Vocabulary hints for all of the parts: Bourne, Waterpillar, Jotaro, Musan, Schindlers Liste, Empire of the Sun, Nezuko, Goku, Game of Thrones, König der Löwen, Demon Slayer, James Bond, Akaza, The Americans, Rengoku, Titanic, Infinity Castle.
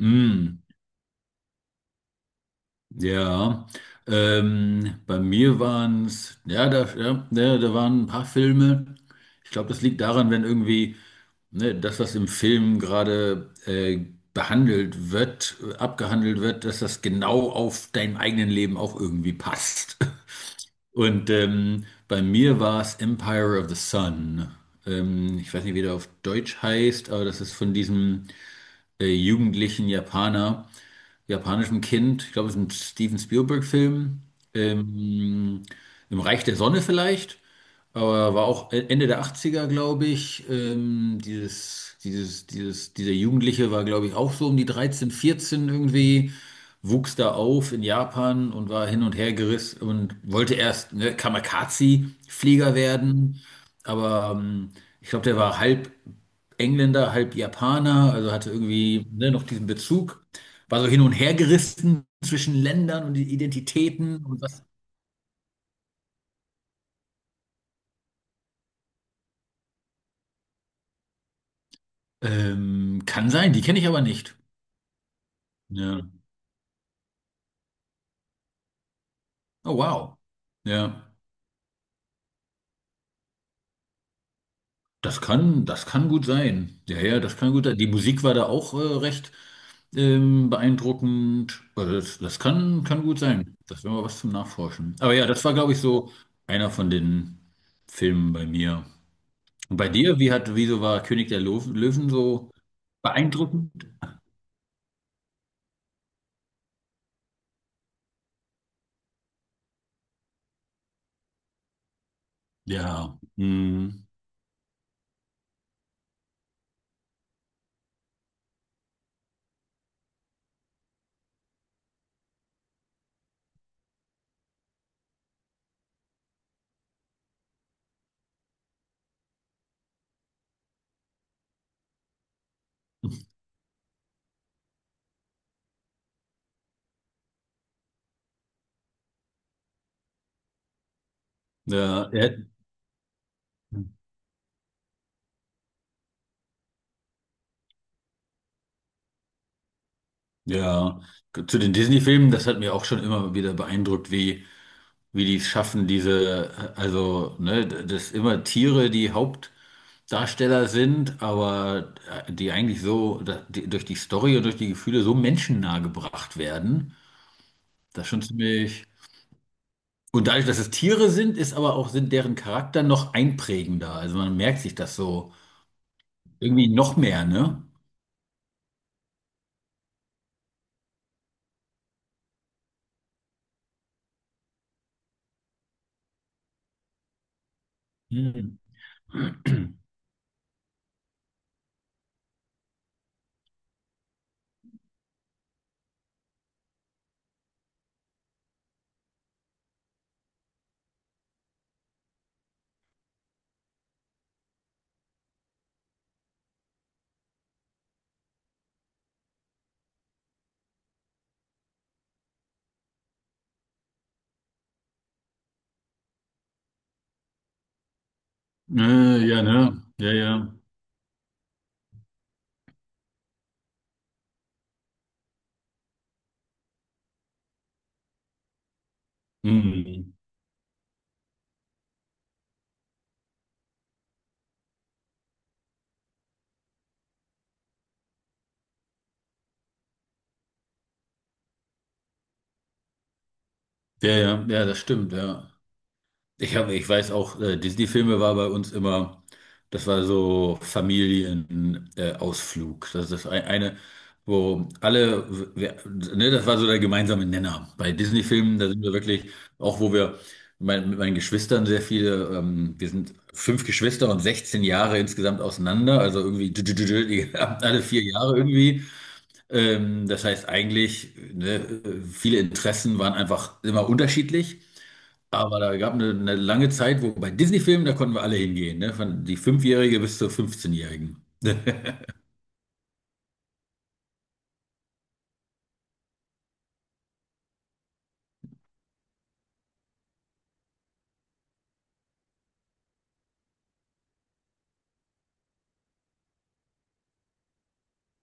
Mm, ja, bei mir waren es, ja, da, ja, da waren ein paar Filme. Ich glaube, das liegt daran, wenn irgendwie ne, das, was im Film gerade behandelt wird, abgehandelt wird, dass das genau auf dein eigenen Leben auch irgendwie passt. Und bei mir war es Empire of the Sun. Ich weiß nicht, wie der auf Deutsch heißt, aber das ist von diesem jugendlichen Japaner, japanischem Kind, ich glaube, es ist ein Steven Spielberg-Film, ähm, im Reich der Sonne vielleicht, aber war auch Ende der 80er, glaube ich. Dieser Jugendliche war, glaube ich, auch so um die 13, 14 irgendwie, wuchs da auf in Japan und war hin und her gerissen und wollte erst ne, Kamikaze-Flieger werden, aber ich glaube, der war halb Engländer, halb Japaner, also hatte irgendwie ne, noch diesen Bezug, war so hin und her gerissen zwischen Ländern und Identitäten und was. Kann sein, die kenne ich aber nicht. Ja. Oh wow. Ja, das kann gut sein. Ja, ja, das kann gut sein. Die Musik war da auch recht beeindruckend. Also das kann gut sein. Das wäre mal was zum Nachforschen. Aber ja, das war, glaube ich, so einer von den Filmen bei mir. Und bei dir, wieso war König der Löwen so beeindruckend? Ja, hm, ja, ja, zu den Disney-Filmen, das hat mir auch schon immer wieder beeindruckt, wie die es schaffen, diese, also, ne, das immer Tiere, die Hauptdarsteller sind, aber die eigentlich so, die, durch die Story und durch die Gefühle so menschennah gebracht werden. Das ist schon ziemlich. Und dadurch, dass es Tiere sind, ist aber auch sind deren Charakter noch einprägender. Also man merkt sich das so irgendwie noch mehr, ne? Hm. Ja, ne? Ja, ja. Hm. Ja, ja, ja, das stimmt, ja. Ich weiß auch, Disney-Filme war bei uns immer, das war so Familienausflug. Ausflug. Das ist ein, eine, wo alle, wer, ne, das war so der gemeinsame Nenner. Bei Disney-Filmen, da sind wir wirklich, auch wo wir mit meinen Geschwistern sehr viele. Wir sind fünf Geschwister und 16 Jahre insgesamt auseinander, also irgendwie die haben alle vier Jahre irgendwie. Das heißt eigentlich, ne, viele Interessen waren einfach immer unterschiedlich. Aber da gab eine lange Zeit, wo bei Disney-Filmen, da konnten wir alle hingehen, ne? Von die Fünfjährige bis zur fünfzehnjährigen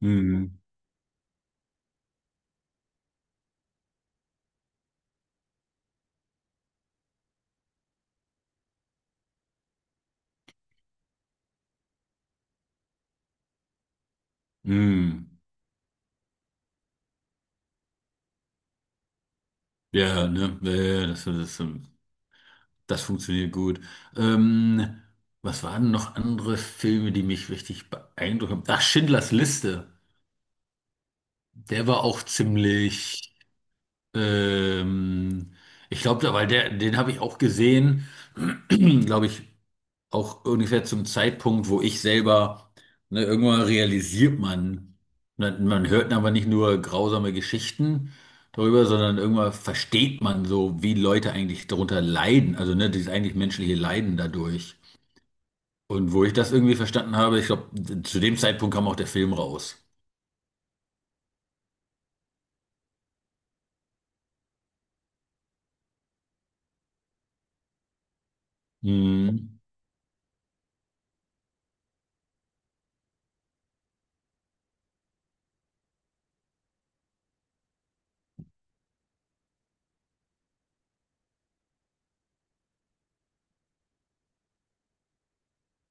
Hm, hm. Ja, ne, ja, ja, das funktioniert gut. Ähm, was waren noch andere Filme, die mich richtig beeindruckt haben? Ach, Schindlers Liste. Der war auch ziemlich, ähm, ich glaube, weil den habe ich auch gesehen, glaube ich, auch ungefähr zum Zeitpunkt, wo ich selber, ne, irgendwann realisiert man, hört aber nicht nur grausame Geschichten darüber, sondern irgendwann versteht man so, wie Leute eigentlich darunter leiden, also ne, dieses eigentlich menschliche Leiden dadurch. Und wo ich das irgendwie verstanden habe, ich glaube, zu dem Zeitpunkt kam auch der Film raus. Hm.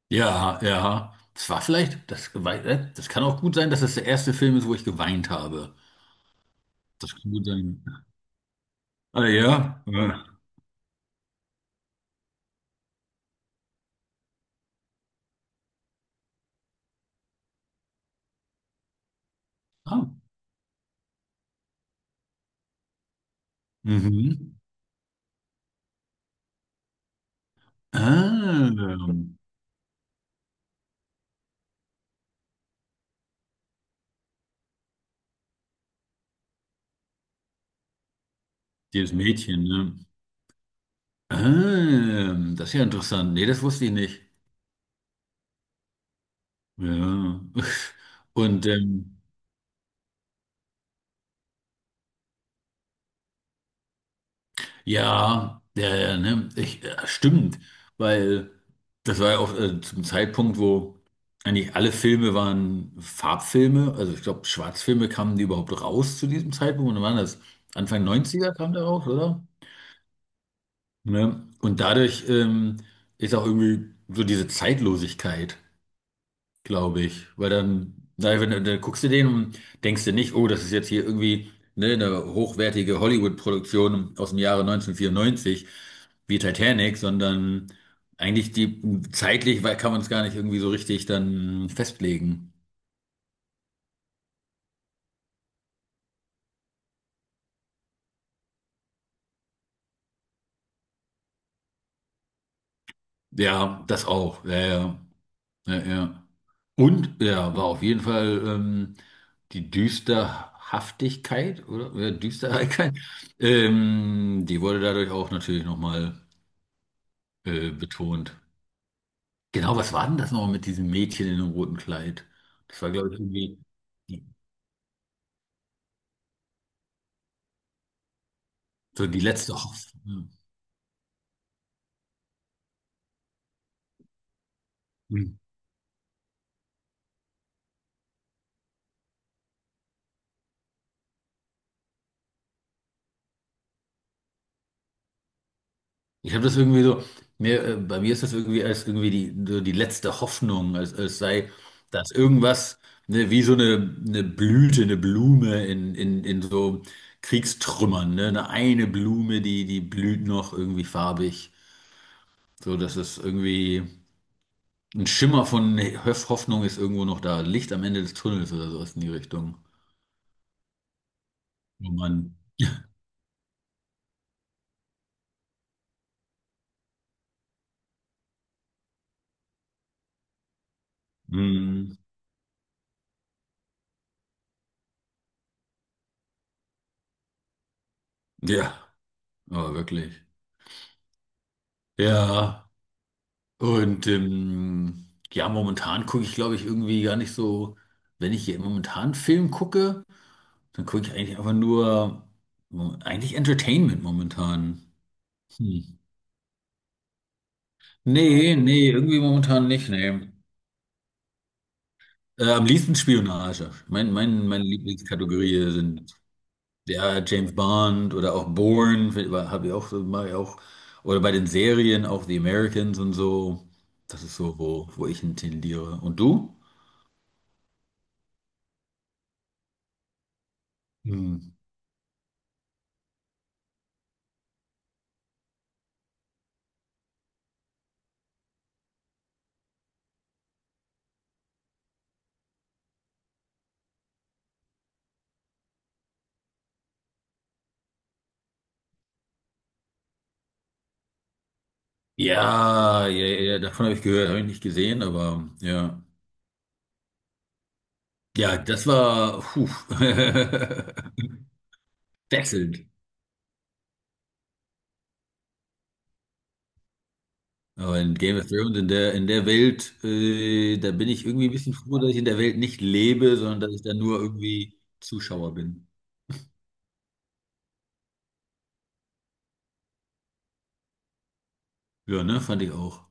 Ja, ja. Es war vielleicht, das kann auch gut sein, dass das der erste Film ist, wo ich geweint habe. Das kann gut sein. Ah, ja. Ja. Ah. Mhm. Ah, dieses Mädchen, ne? Ah, das ist ja interessant. Nee, das wusste ich nicht. Ja. Und ja, ja, ja, ne? Ja, stimmt, weil das war ja auch zum Zeitpunkt, wo eigentlich alle Filme waren Farbfilme. Also ich glaube, Schwarzfilme kamen die überhaupt raus zu diesem Zeitpunkt. Und dann waren das? Anfang Neunziger er kam da raus, oder? Ne? Und dadurch ist auch irgendwie so diese Zeitlosigkeit, glaube ich. Weil dann, na wenn, dann guckst du den und denkst dir nicht, oh, das ist jetzt hier irgendwie ne, eine hochwertige Hollywood-Produktion aus dem Jahre 1994 wie Titanic, sondern eigentlich die zeitlich, weil kann man es gar nicht irgendwie so richtig dann festlegen. Ja, das auch. Ja, ja, ja, ja. Und ja, war auf jeden Fall die Düsterhaftigkeit oder ja, Düsterheit, die wurde dadurch auch natürlich nochmal betont. Genau, was war denn das nochmal mit diesem Mädchen in dem roten Kleid? Das war, glaube ich, irgendwie die, so die letzte Hoffnung. Hm. Ich habe das irgendwie so, bei mir ist das irgendwie als irgendwie so die letzte Hoffnung, als sei das irgendwas, ne, wie so eine Blüte, eine Blume in so Kriegstrümmern, ne? Eine Blume, die blüht noch irgendwie farbig. So, dass es irgendwie ein Schimmer von Hoffnung ist irgendwo noch da, Licht am Ende des Tunnels oder sowas in die Richtung. Oh Mann. Hm, ja, aber wirklich. Ja, und ja, momentan gucke ich, glaube ich, irgendwie gar nicht so, wenn ich hier momentan Film gucke, dann gucke ich eigentlich einfach nur, eigentlich Entertainment momentan. Hm. Nee, nee, irgendwie momentan nicht, nee. Am liebsten Spionage. Meine Lieblingskategorie sind. Ja, James Bond oder auch Bourne, habe ich auch so, mache ich auch. Oder bei den Serien, auch The Americans und so. Das ist so, wo ich hin tendiere. Und du? Hm. Ja, ja, ja, davon habe ich gehört, habe ich nicht gesehen, aber ja. Ja, das war puh, wechselnd. Aber in Game of Thrones, in der Welt, da bin ich irgendwie ein bisschen froh, dass ich in der Welt nicht lebe, sondern dass ich da nur irgendwie Zuschauer bin. Ja, ne, fand ich auch.